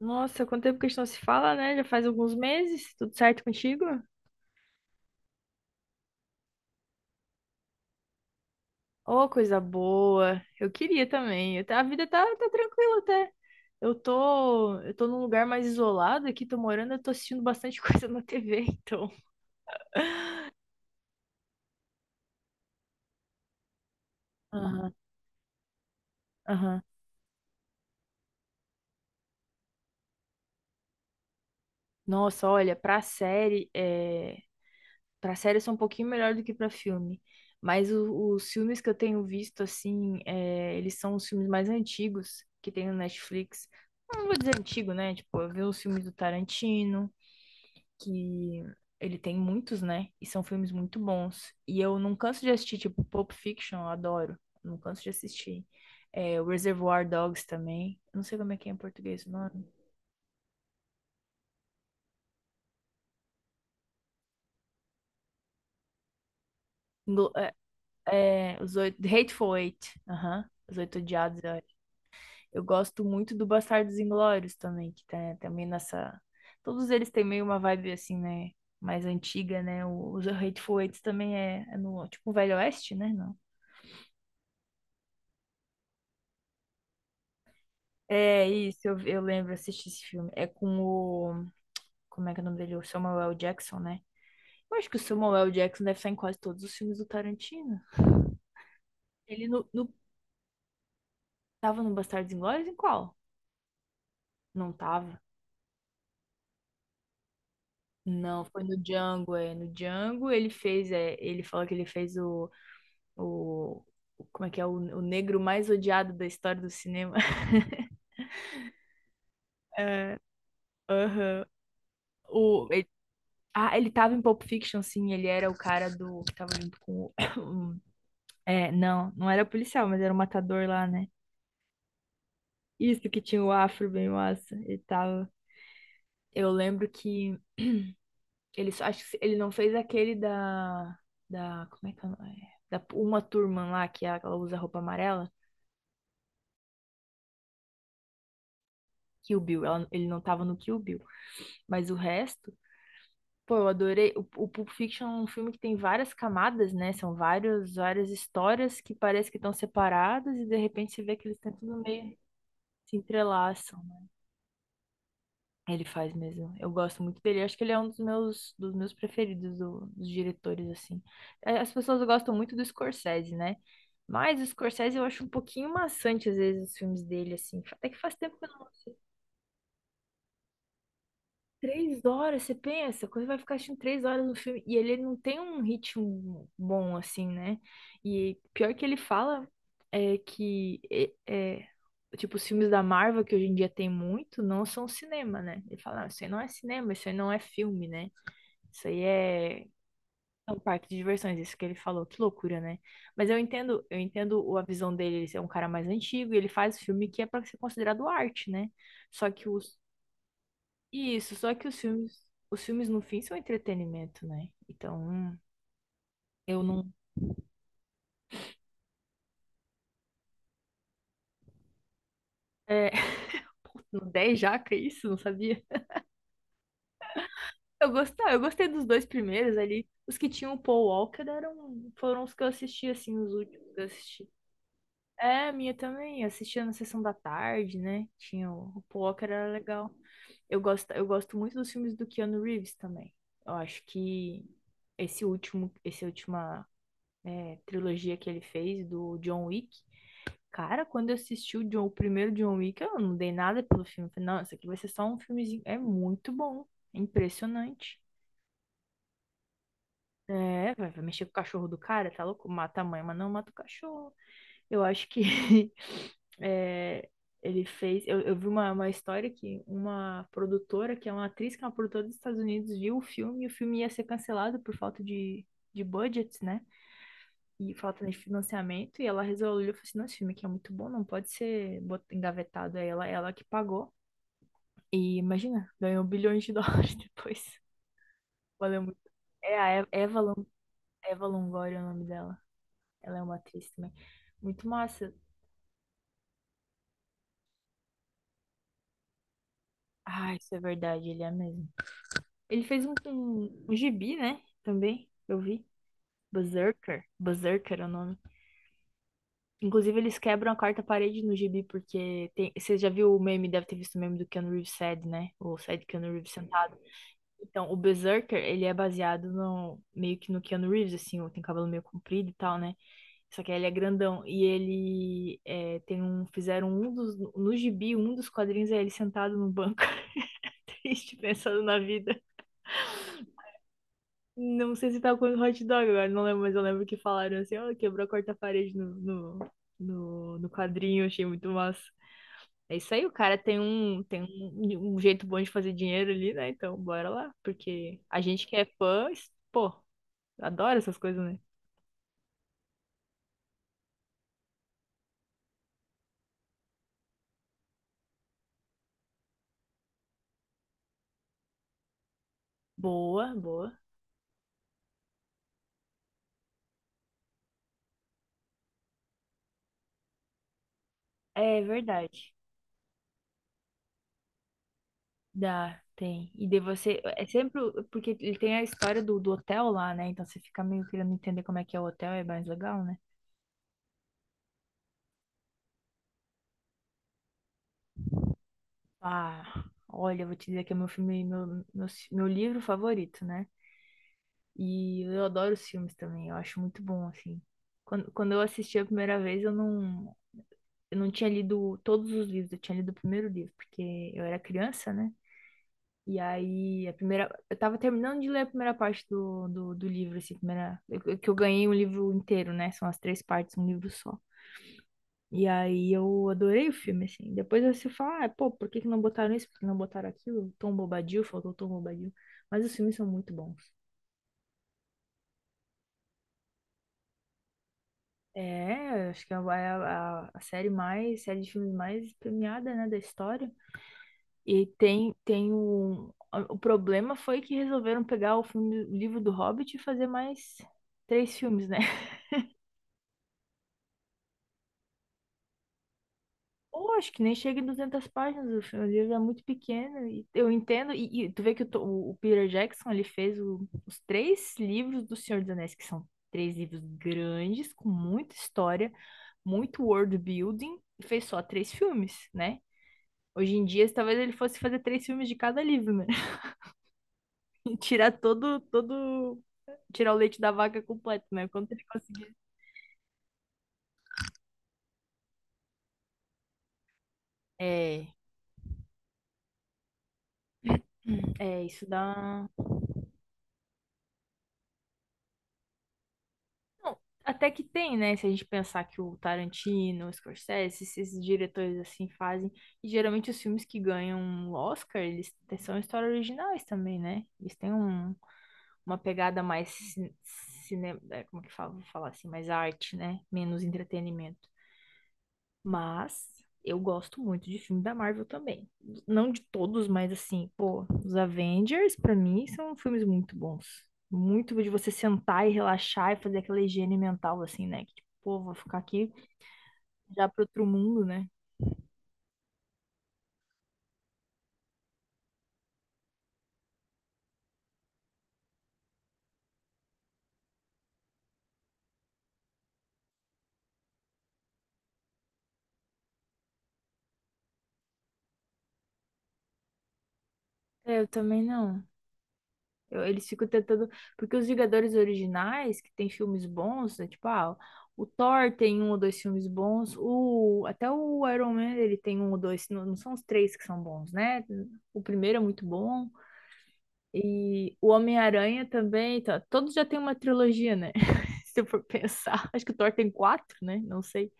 Nossa, quanto tempo que a gente não se fala, né? Já faz alguns meses. Tudo certo contigo? Ô, coisa boa. Eu queria também. A vida tá tranquila até. Eu tô num lugar mais isolado aqui, tô morando, eu tô assistindo bastante coisa na TV, então. Aham, aham. Nossa, olha, Pra série eu sou um pouquinho melhor do que pra filme. Mas os filmes que eu tenho visto, assim, eles são os filmes mais antigos que tem no Netflix. Não vou dizer antigo, né? Tipo, eu vi os filmes do Tarantino, que ele tem muitos, né? E são filmes muito bons. E eu não canso de assistir, tipo, Pulp Fiction, eu adoro. Não canso de assistir. É, o Reservoir Dogs também. Eu não sei como é que é em português o nome. Englo- é, Hateful Eight. Aham. Os Oito Odiados. Eu gosto muito do Bastardos Inglórios também, que tá também nessa. Todos eles têm meio uma vibe assim, né? Mais antiga, né? Os Hateful Eight também é no tipo um Velho Oeste, né? Não. É isso, eu lembro, assisti esse filme. É com o. Como é que é o nome dele? O Samuel L. Jackson, né? Eu acho que o Samuel L. Jackson deve estar em quase todos os filmes do Tarantino. Ele no, no- Tava no Bastardos Inglórios? Em qual? Não tava. Não, foi no Django, é. No Django ele fez, ele falou que ele fez o, como é que é, o negro mais odiado da história do cinema. É, aham. O, ele, Ele tava em Pulp Fiction, sim, ele era o cara do, que tava junto com o, não, não era policial, mas era o matador lá, né? Isso que tinha o afro bem massa, ele tava. Eu lembro que acho que ele não fez aquele da, como é que ela é? Da uma turma lá que ela usa roupa amarela. Kill Bill. Ele não tava no Kill Bill. Mas o resto, pô, eu adorei. O Pulp Fiction é um filme que tem várias camadas, né? São várias histórias que parece que estão separadas e de repente você vê que eles estão tudo meio se entrelaçam. Ele faz mesmo. Eu gosto muito dele. Eu acho que ele é um dos meus, preferidos dos diretores, assim. É, as pessoas gostam muito do Scorsese, né? Mas o Scorsese eu acho um pouquinho maçante, às vezes, os filmes dele, assim. Até que faz tempo que eu não Três horas, você pensa, quando vai ficar assistindo três horas no filme, e ele não tem um ritmo bom, assim, né? E pior que ele fala é que, tipo, os filmes da Marvel, que hoje em dia tem muito, não são cinema, né? Ele fala, "Ah, isso aí não é cinema, isso aí não é filme, né? Isso aí é um parque de diversões", isso que ele falou, que loucura, né? Mas eu entendo a visão dele, ele é um cara mais antigo, e ele faz filme que é pra ser considerado arte, né? Só que os Isso, só que os filmes no fim são entretenimento, né? Então, eu não. É, no 10 já, que isso, não sabia. Eu gostei dos dois primeiros ali. Os que tinham o Paul Walker foram os que eu assisti, assim, os últimos que eu assisti. É, a minha também, eu assistia na sessão da tarde, né? Tinha o Paul Walker, era legal. Eu gosto muito dos filmes do Keanu Reeves também. Eu acho que essa última trilogia que ele fez do John Wick. Cara, quando eu assisti o primeiro John Wick, eu não dei nada pelo filme. Eu falei, não, isso aqui vai ser só um filmezinho. É muito bom. É impressionante. É, vai mexer com o cachorro do cara, tá louco? Mata a mãe, mas não mata o cachorro. Eu acho que é, ele fez. Eu vi uma história que uma produtora, que é uma atriz, que é uma produtora dos Estados Unidos, viu o filme e o filme ia ser cancelado por falta de budget, né? E falta de financiamento, e ela resolveu, falou assim, não, esse filme aqui é muito bom, não pode ser engavetado, aí ela que pagou, e imagina, ganhou bilhões de dólares depois, valeu muito, é a Eva, Eva Longoria é o nome dela, ela é uma atriz também, muito massa. Ah, isso é verdade, ele é mesmo, ele fez um gibi, né, também, eu vi, Berserker, Berserker é o nome. Inclusive, eles quebram a quarta parede no gibi, porque tem. Você já viu o meme, deve ter visto o meme do Keanu Reeves sad, né? O sad Keanu Reeves sentado. Então, o Berserker, ele é baseado meio que no Keanu Reeves, assim, tem cabelo meio comprido e tal, né? Só que ele é grandão. E ele é, tem um. Fizeram um dos. No gibi, um dos quadrinhos é ele sentado no banco. Triste, pensando na vida. Não sei se tava comendo hot dog agora, não lembro, mas eu lembro que falaram assim, ó, quebrou a quarta parede no quadrinho, achei muito massa. É isso aí, o cara um jeito bom de fazer dinheiro ali, né? Então, bora lá, porque a gente que é fã, pô, adora essas coisas, né? Boa, boa. É verdade. Dá, tem. E de você, é sempre, porque ele tem a história do hotel lá, né? Então você fica meio querendo entender como é que é o hotel, é mais legal, né? Ah, olha, eu vou te dizer que é meu filme, meu livro favorito, né? E eu adoro os filmes também, eu acho muito bom, assim. Quando eu assisti a primeira vez, eu não tinha lido todos os livros, eu tinha lido o primeiro livro, porque eu era criança, né? E aí, eu tava terminando de ler a primeira parte do livro, assim, primeira, que eu ganhei um livro inteiro, né? São as três partes, um livro só. E aí eu adorei o filme, assim. Depois você fala, ah, pô, por que que não botaram isso? Por que não botaram aquilo? Tom Bobadil, faltou Tom Bobadil. Mas os filmes são muito bons. É, acho que é a série de filmes mais premiada, né, da história. E tem um. O problema foi que resolveram pegar o livro do Hobbit e fazer mais três filmes, né? Pô, acho que nem chega em 200 páginas, o livro é muito pequeno, e eu entendo, e tu vê que o Peter Jackson, ele fez os três livros do Senhor dos Anéis, que são três livros grandes, com muita história, muito world building, e fez só três filmes, né? Hoje em dia, talvez ele fosse fazer três filmes de cada livro, né? E tirar o leite da vaca completo, né? Quando ele conseguir. É, é, isso dá. Não, até que tem, né? Se a gente pensar que o Tarantino, o Scorsese, esses diretores assim fazem. E geralmente os filmes que ganham um Oscar, são histórias originais também, né? Eles têm uma pegada mais cinema, como que fala, vou falar assim, mais arte, né? Menos entretenimento. Mas eu gosto muito de filme da Marvel também. Não de todos, mas assim, pô, os Avengers, pra mim, são filmes muito bons. Muito de você sentar e relaxar e fazer aquela higiene mental, assim, né? Que, tipo, pô, vou ficar aqui já pro outro mundo, né? É, eu também não. Eles ficam tentando. Porque os Vingadores originais, que tem filmes bons, é tipo, ah, o Thor tem um ou dois filmes bons. Até o Iron Man, ele tem um ou dois. Não, não são os três que são bons, né? O primeiro é muito bom. E o Homem-Aranha também, tá, todos já tem uma trilogia, né? Se eu for pensar, acho que o Thor tem quatro, né? Não sei.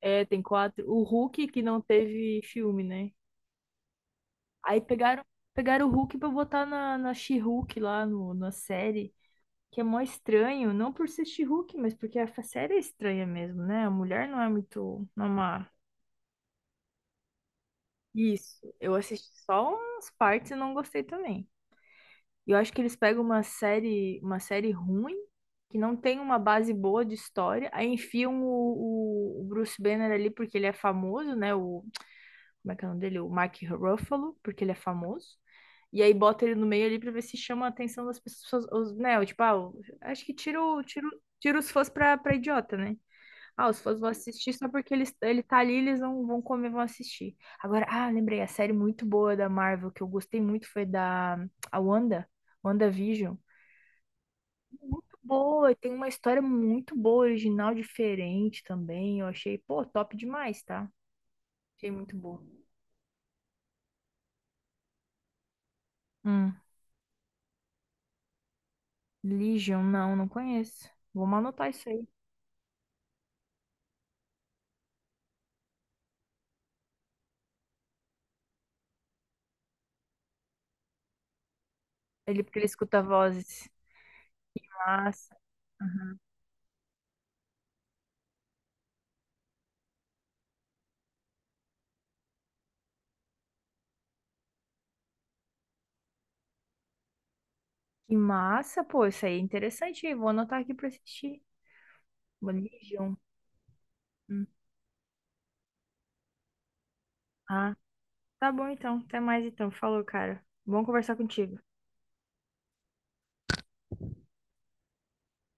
É, tem quatro. O Hulk que não teve filme, né? Aí pegaram o Hulk pra botar na She-Hulk lá no, na série, que é mó estranho, não por ser She-Hulk, mas porque a série é estranha mesmo, né? A mulher não é uma. Isso, eu assisti só umas partes e não gostei também. E eu acho que eles pegam uma série ruim, que não tem uma base boa de história, aí enfiam o Bruce Banner ali porque ele é famoso, né? Como é que é o nome dele? O Mark Ruffalo, porque ele é famoso. E aí bota ele no meio ali pra ver se chama a atenção das pessoas, os, né? o Tipo, ah, acho que tira, tira os fãs pra idiota, né? Ah, os fãs vão assistir só porque ele tá ali, eles vão comer, vão assistir. Agora, ah, lembrei, a série muito boa da Marvel, que eu gostei muito, foi da a Wanda, WandaVision. Muito boa, e tem uma história muito boa, original, diferente também. Eu achei, pô, top demais, tá? Achei muito boa. Hum, Legion, não, não conheço. Vamos anotar isso aí. Porque ele escuta vozes. Massa. Aham. Que massa, pô, isso aí é interessante. Vou anotar aqui pra assistir. Legion. Hum. Ah, tá bom então. Até mais então. Falou, cara. Bom conversar contigo.